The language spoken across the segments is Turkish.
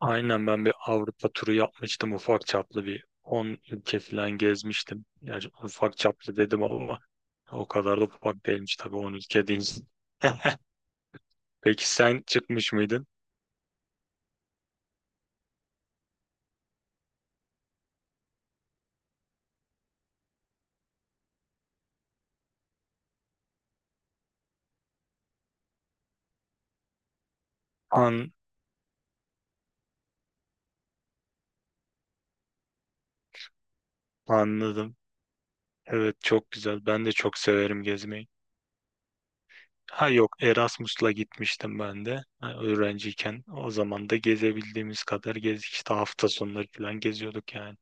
Aynen ben bir Avrupa turu yapmıştım ufak çaplı bir 10 ülke falan gezmiştim. Yani ufak çaplı dedim ama o kadar da ufak değilmiş tabii 10 ülke değil. Peki sen çıkmış mıydın? An anladım. Evet, çok güzel. Ben de çok severim gezmeyi. Ha yok, Erasmus'la gitmiştim ben de ha, öğrenciyken. O zaman da gezebildiğimiz kadar gezdik. İşte hafta sonları falan geziyorduk yani.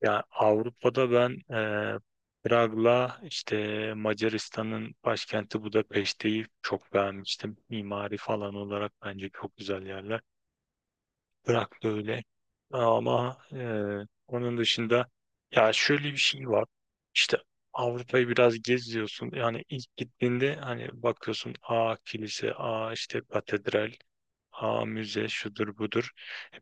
Ya Avrupa'da ben Prag'la işte Macaristan'ın başkenti Budapeşte'yi çok beğenmiştim. Mimari falan olarak bence çok güzel yerler. Prag da öyle. Ama onun dışında ya şöyle bir şey var. İşte Avrupa'yı biraz geziyorsun. Yani ilk gittiğinde hani bakıyorsun a kilise, a işte katedral, ha müze şudur budur.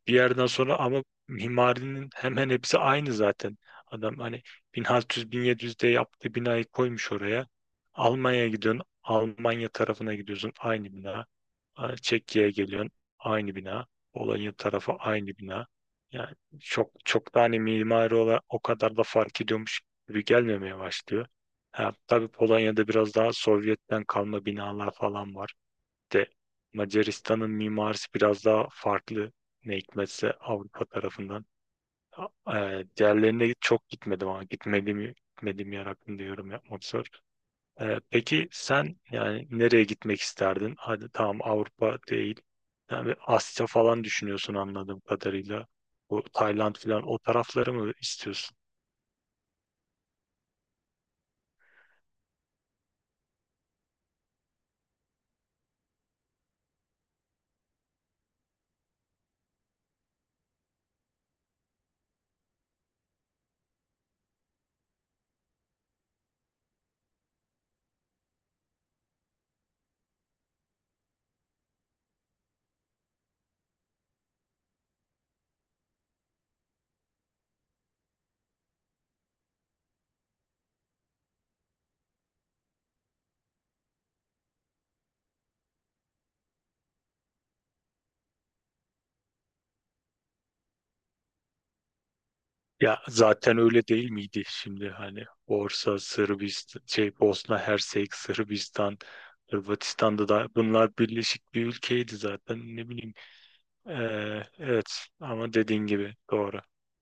Bir yerden sonra ama mimarinin hemen hepsi aynı zaten. Adam hani 1600-1700'de yaptığı binayı koymuş oraya. Almanya'ya gidiyorsun. Almanya tarafına gidiyorsun. Aynı bina. Ha, Çekya'ya geliyorsun. Aynı bina. Polonya tarafı aynı bina. Yani çok çok da hani mimari olarak o kadar da fark ediyormuş gibi gelmemeye başlıyor. Ha, tabii Polonya'da biraz daha Sovyet'ten kalma binalar falan var de Macaristan'ın mimarisi biraz daha farklı, ne hikmetse, Avrupa tarafından. Diğerlerine çok gitmedim ama gitmediğim yer hakkında yorum yapmak zor. Peki sen yani nereye gitmek isterdin? Hadi tamam, Avrupa değil. Yani Asya falan düşünüyorsun anladığım kadarıyla. Bu Tayland falan, o tarafları mı istiyorsun? Ya zaten öyle değil miydi şimdi? Hani Borsa, Sırbistan, şey Bosna Hersek, Sırbistan, Hırvatistan'da da bunlar birleşik bir ülkeydi zaten, ne bileyim. Evet, ama dediğin gibi doğru.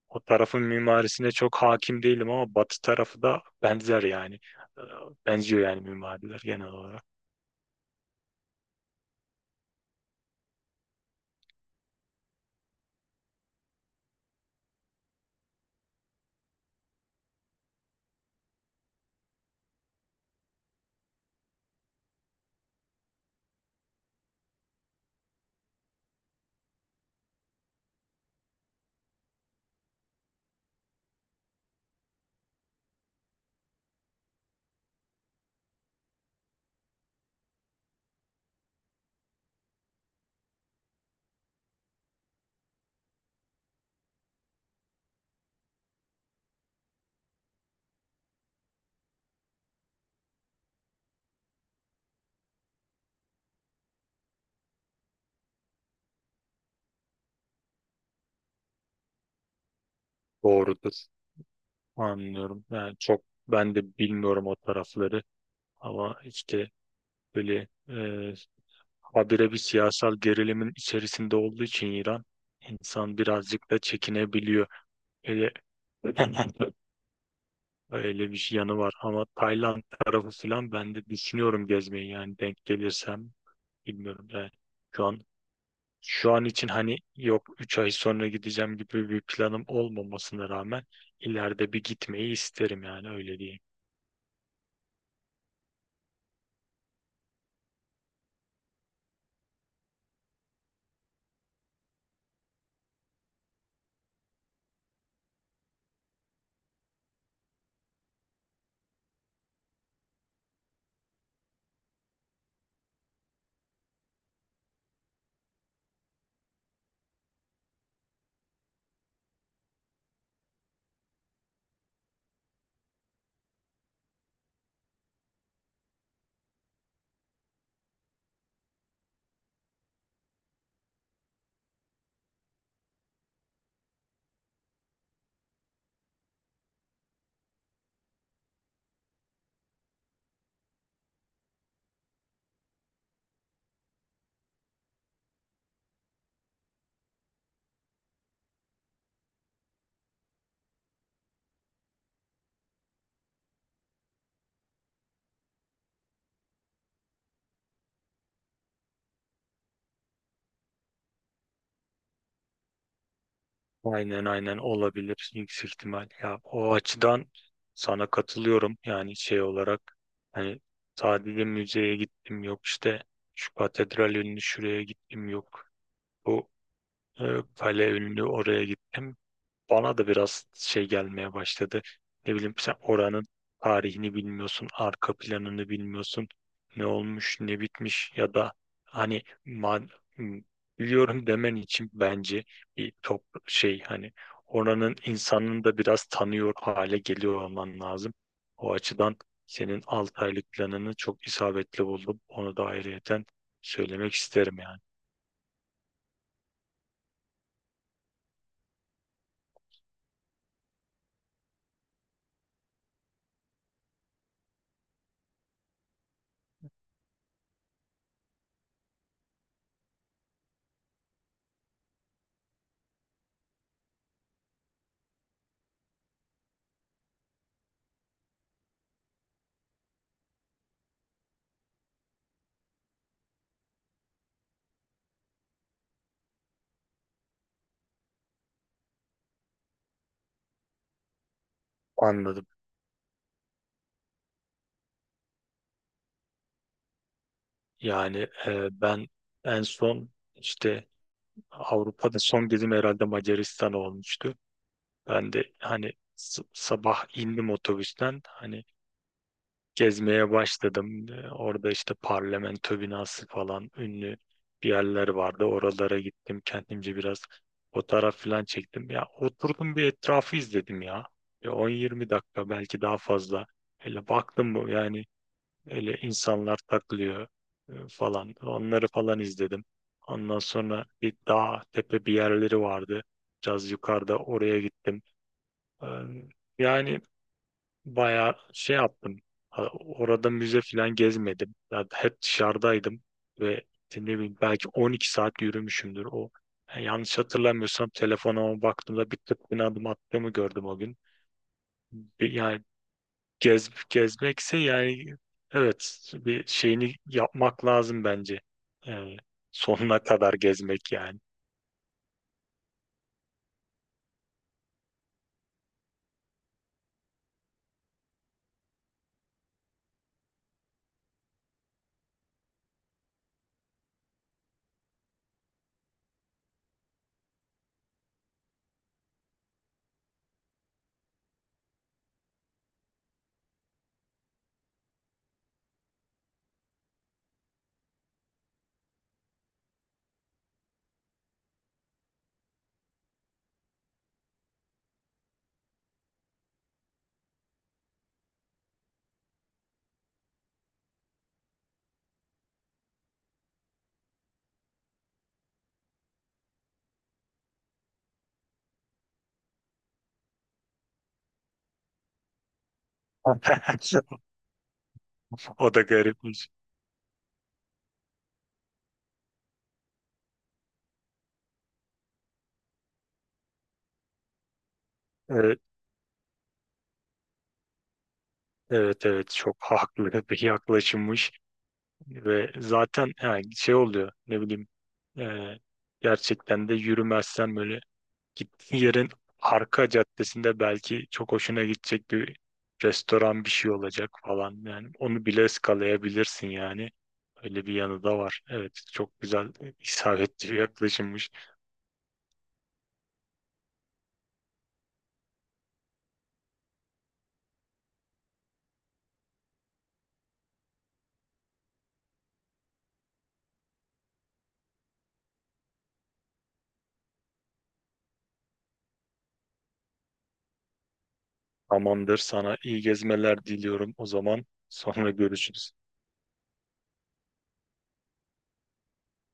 O tarafın mimarisine çok hakim değilim ama Batı tarafı da benzer yani. Ee, Benziyor yani mimariler genel olarak. Doğrudur. Anlıyorum. Yani çok ben de bilmiyorum o tarafları ama işte böyle habire bir siyasal gerilimin içerisinde olduğu için İran, insan birazcık da çekinebiliyor. Öyle, öyle bir şey yanı var ama Tayland tarafı falan ben de düşünüyorum gezmeyi, yani denk gelirsem bilmiyorum da şu an şu an için hani yok 3 ay sonra gideceğim gibi bir planım olmamasına rağmen ileride bir gitmeyi isterim yani, öyle diyeyim. Aynen, aynen, olabilir yüksek ihtimal. Ya o açıdan sana katılıyorum yani, şey olarak hani sadece müzeye gittim, yok işte şu katedral ünlü şuraya gittim, yok bu e, kale ünlü oraya gittim, bana da biraz şey gelmeye başladı. Ne bileyim, sen oranın tarihini bilmiyorsun, arka planını bilmiyorsun. Ne olmuş, ne bitmiş ya da hani m- biliyorum demen için bence bir top şey, hani oranın insanını da biraz tanıyor hale geliyor olman lazım. O açıdan senin 6 aylık planını çok isabetli buldum. Onu da ayrıyeten söylemek isterim yani. Anladım. Yani ben en son işte Avrupa'da son gezim herhalde Macaristan olmuştu. Ben de hani sabah indim otobüsten, hani gezmeye başladım. Orada işte parlamento binası falan ünlü bir yerler vardı. Oralara gittim, kendimce biraz fotoğraf falan çektim. Ya oturdum bir etrafı izledim ya. Bir 10-20 dakika belki daha fazla. Öyle baktım bu yani. Öyle insanlar takılıyor falan. Onları falan izledim. Ondan sonra bir dağ tepe bir yerleri vardı. Biraz yukarıda, oraya gittim. E, Yani bayağı şey yaptım. Ha, orada müze falan gezmedim. Ya hep dışarıdaydım ve işte ne bileyim belki 12 saat yürümüşümdür o. Yani yanlış hatırlamıyorsam telefonuma baktığımda bir 40 bin adım attığımı gördüm o gün. Yani gezmekse yani, evet, bir şeyini yapmak lazım bence. Yani sonuna kadar gezmek yani. O da garipmiş. Evet, evet, evet, çok haklı bir yaklaşımmış ve zaten yani şey oluyor, ne bileyim, e, gerçekten de yürümezsen böyle gittiğin yerin arka caddesinde belki çok hoşuna gidecek bir restoran bir şey olacak falan. Yani onu bile eskalayabilirsin yani. Öyle bir yanı da var. Evet, çok güzel, isabetli bir yaklaşımmış. Tamamdır, sana iyi gezmeler diliyorum o zaman. Sonra görüşürüz.